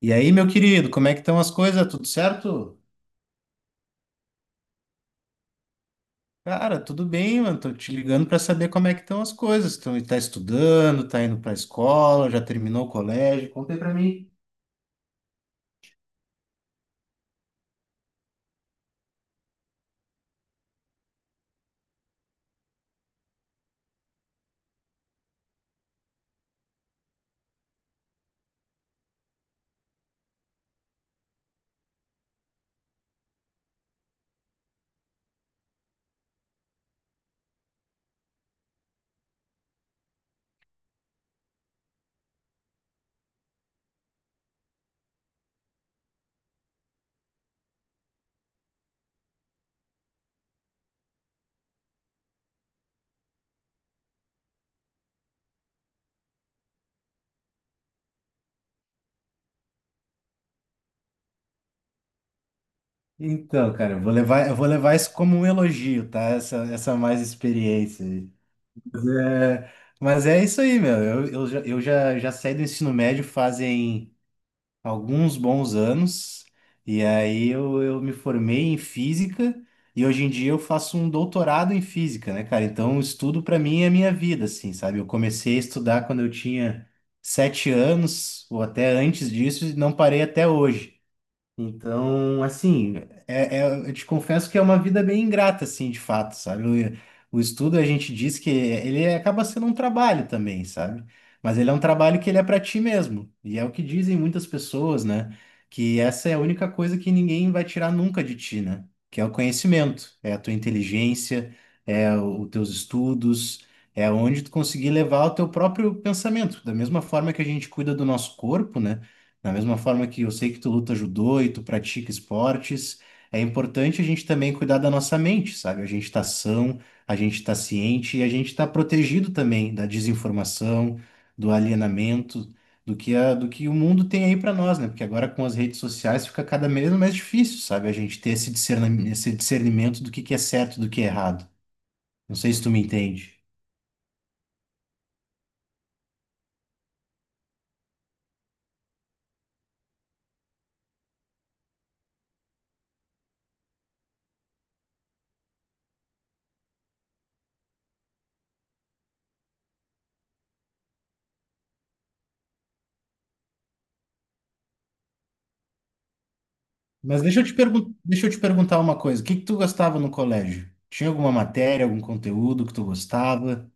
E aí, meu querido, como é que estão as coisas? Tudo certo? Cara, tudo bem, mano. Tô te ligando para saber como é que estão as coisas. Então, tá estudando, tá indo pra escola, já terminou o colégio. Como- Então, cara, eu vou levar isso como um elogio, tá? Essa mais experiência aí. Mas é, mas é isso aí, meu. Já saí do ensino médio fazem alguns bons anos, e aí eu me formei em física e hoje em dia eu faço um doutorado em física, né, cara? Então, o estudo para mim é a minha vida, assim, sabe? Eu comecei a estudar quando eu tinha 7 anos ou até antes disso e não parei até hoje. Então, assim, eu te confesso que é uma vida bem ingrata, assim, de fato, sabe? O estudo, a gente diz que ele acaba sendo um trabalho também, sabe? Mas ele é um trabalho que ele é para ti mesmo. E é o que dizem muitas pessoas, né? Que essa é a única coisa que ninguém vai tirar nunca de ti, né? Que é o conhecimento, é a tua inteligência, os teus estudos, é onde tu conseguir levar o teu próprio pensamento. Da mesma forma que a gente cuida do nosso corpo, né? Da mesma forma que eu sei que tu luta judô e tu pratica esportes, é importante a gente também cuidar da nossa mente, sabe? A gente está são, a gente está ciente e a gente está protegido também da desinformação, do alienamento, do que o mundo tem aí para nós, né? Porque agora com as redes sociais fica cada vez mais difícil, sabe? A gente ter esse discernimento do que é certo e do que é errado. Não sei se tu me entende. Mas deixa eu te perguntar uma coisa. O que que tu gostava no colégio? Tinha alguma matéria, algum conteúdo que tu gostava?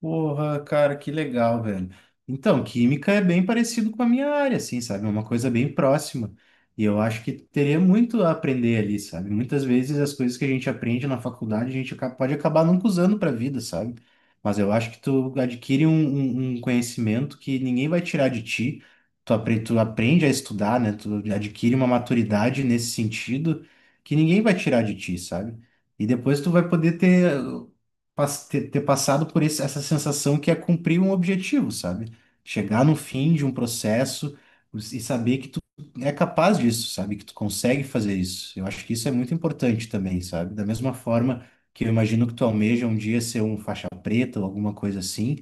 Porra, cara, que legal, velho. Então, química é bem parecido com a minha área, assim, sabe? É uma coisa bem próxima. E eu acho que teria muito a aprender ali, sabe? Muitas vezes as coisas que a gente aprende na faculdade, a gente pode acabar nunca usando pra vida, sabe? Mas eu acho que tu adquire um conhecimento que ninguém vai tirar de ti. Tu aprende a estudar, né? Tu adquire uma maturidade nesse sentido que ninguém vai tirar de ti, sabe? E depois tu vai poder ter passado por essa sensação que é cumprir um objetivo, sabe? Chegar no fim de um processo e saber que tu é capaz disso, sabe? Que tu consegue fazer isso. Eu acho que isso é muito importante também, sabe? Da mesma forma que eu imagino que tu almeja um dia ser um faixa preta ou alguma coisa assim,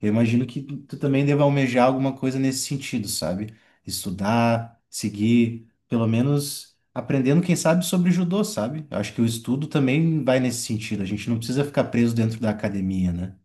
eu imagino que tu também deva almejar alguma coisa nesse sentido, sabe? Estudar, seguir, pelo menos aprendendo, quem sabe, sobre judô, sabe? Eu acho que o estudo também vai nesse sentido. A gente não precisa ficar preso dentro da academia, né?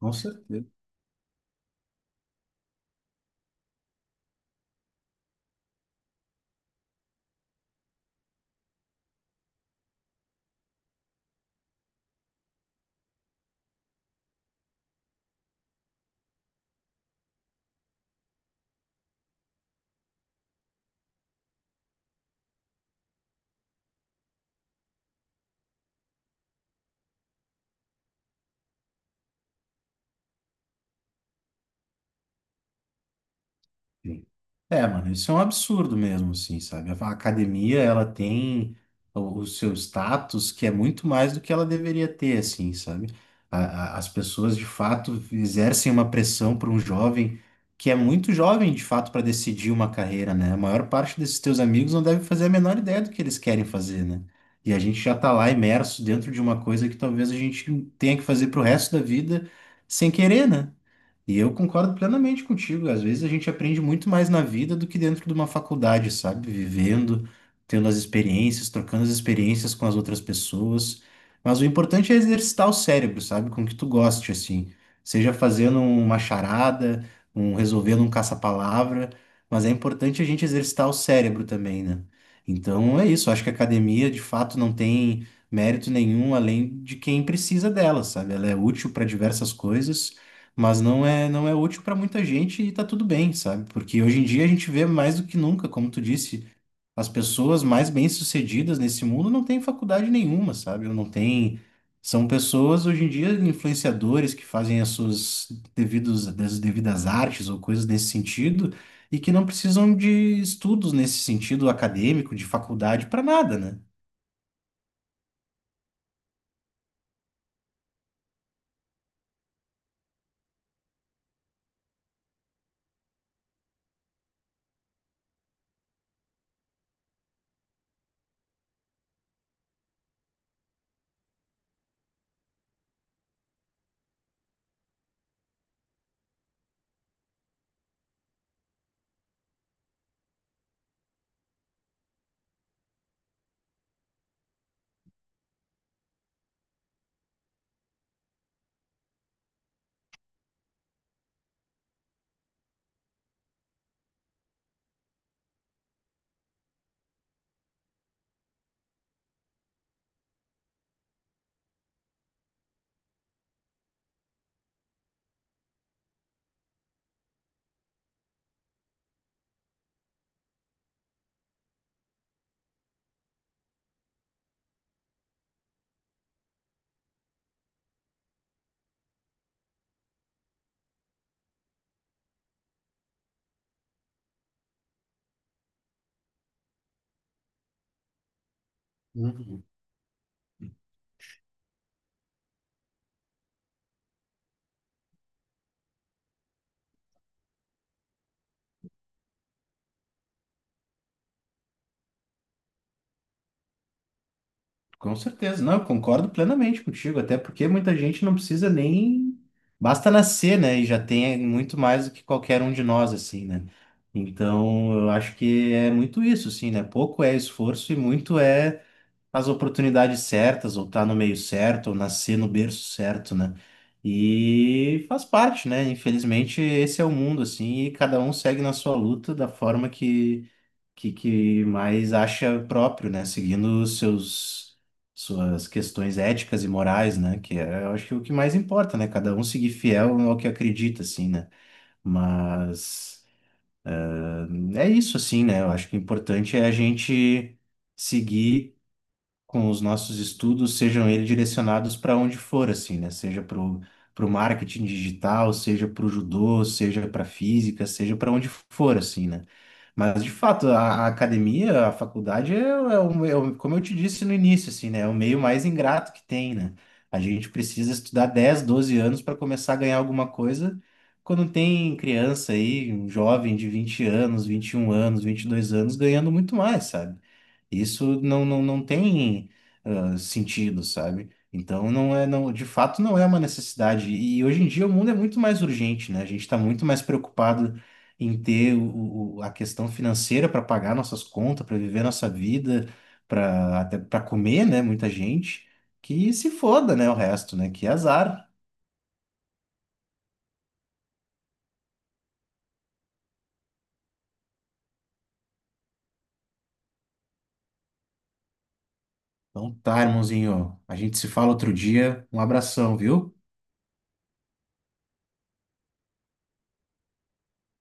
Com certeza. Sim. É, mano, isso é um absurdo mesmo, assim, sabe? A academia, ela tem o seu status que é muito mais do que ela deveria ter, assim, sabe? A- as pessoas, de fato, exercem uma pressão para um jovem que é muito jovem, de fato, para decidir uma carreira, né? A maior parte desses teus amigos não deve fazer a menor ideia do que eles querem fazer, né? E a gente já tá lá imerso dentro de uma coisa que talvez a gente tenha que fazer pro resto da vida sem querer, né? E eu concordo plenamente contigo. Às vezes a gente aprende muito mais na vida do que dentro de uma faculdade, sabe? Vivendo, tendo as experiências, trocando as experiências com as outras pessoas. Mas o importante é exercitar o cérebro, sabe? Com o que tu goste, assim. Seja fazendo uma charada, um resolvendo um caça-palavra, mas é importante a gente exercitar o cérebro também, né? Então é isso. Acho que a academia, de fato, não tem mérito nenhum além de quem precisa dela, sabe? Ela é útil para diversas coisas mas não é útil para muita gente e tá tudo bem, sabe? Porque hoje em dia a gente vê mais do que nunca, como tu disse, as pessoas mais bem-sucedidas nesse mundo não têm faculdade nenhuma, sabe? Ou não têm são pessoas hoje em dia influenciadores que fazem as suas devidos as devidas artes ou coisas nesse sentido e que não precisam de estudos nesse sentido acadêmico, de faculdade para nada, né? Com certeza, não, eu concordo plenamente contigo, até porque muita gente não precisa nem. Basta nascer, né? E já tem muito mais do que qualquer um de nós, assim, né? Então, eu acho que é muito isso, assim, né? Pouco é esforço e muito é as oportunidades certas, ou estar tá no meio certo, ou nascer no berço certo, né? E faz parte, né? Infelizmente, esse é o mundo, assim, e cada um segue na sua luta da forma que mais acha próprio, né? Seguindo os seus suas questões éticas e morais, né? Que é, eu acho que é o que mais importa, né? Cada um seguir fiel ao que acredita, assim, né? Mas é isso, assim, né? Eu acho que o importante é a gente seguir com os nossos estudos, sejam eles direcionados para onde for, assim, né? Seja para o marketing digital, seja para o judô, seja para física, seja para onde for, assim, né? Mas, de fato, a academia, a faculdade, como eu te disse no início, assim, né? É o meio mais ingrato que tem, né? A gente precisa estudar 10 12 anos para começar a ganhar alguma coisa. Quando tem criança aí, um jovem de 20 anos, 21 anos, 22 anos, ganhando muito mais, sabe? Isso não tem sentido, sabe? Então de fato não é uma necessidade. E hoje em dia o mundo é muito mais urgente, né? A gente está muito mais preocupado em ter a questão financeira para pagar nossas contas, para viver nossa vida, para comer, né? Muita gente que se foda, né? O resto, né? Que azar. Então tá, irmãozinho. A gente se fala outro dia. Um abração, viu?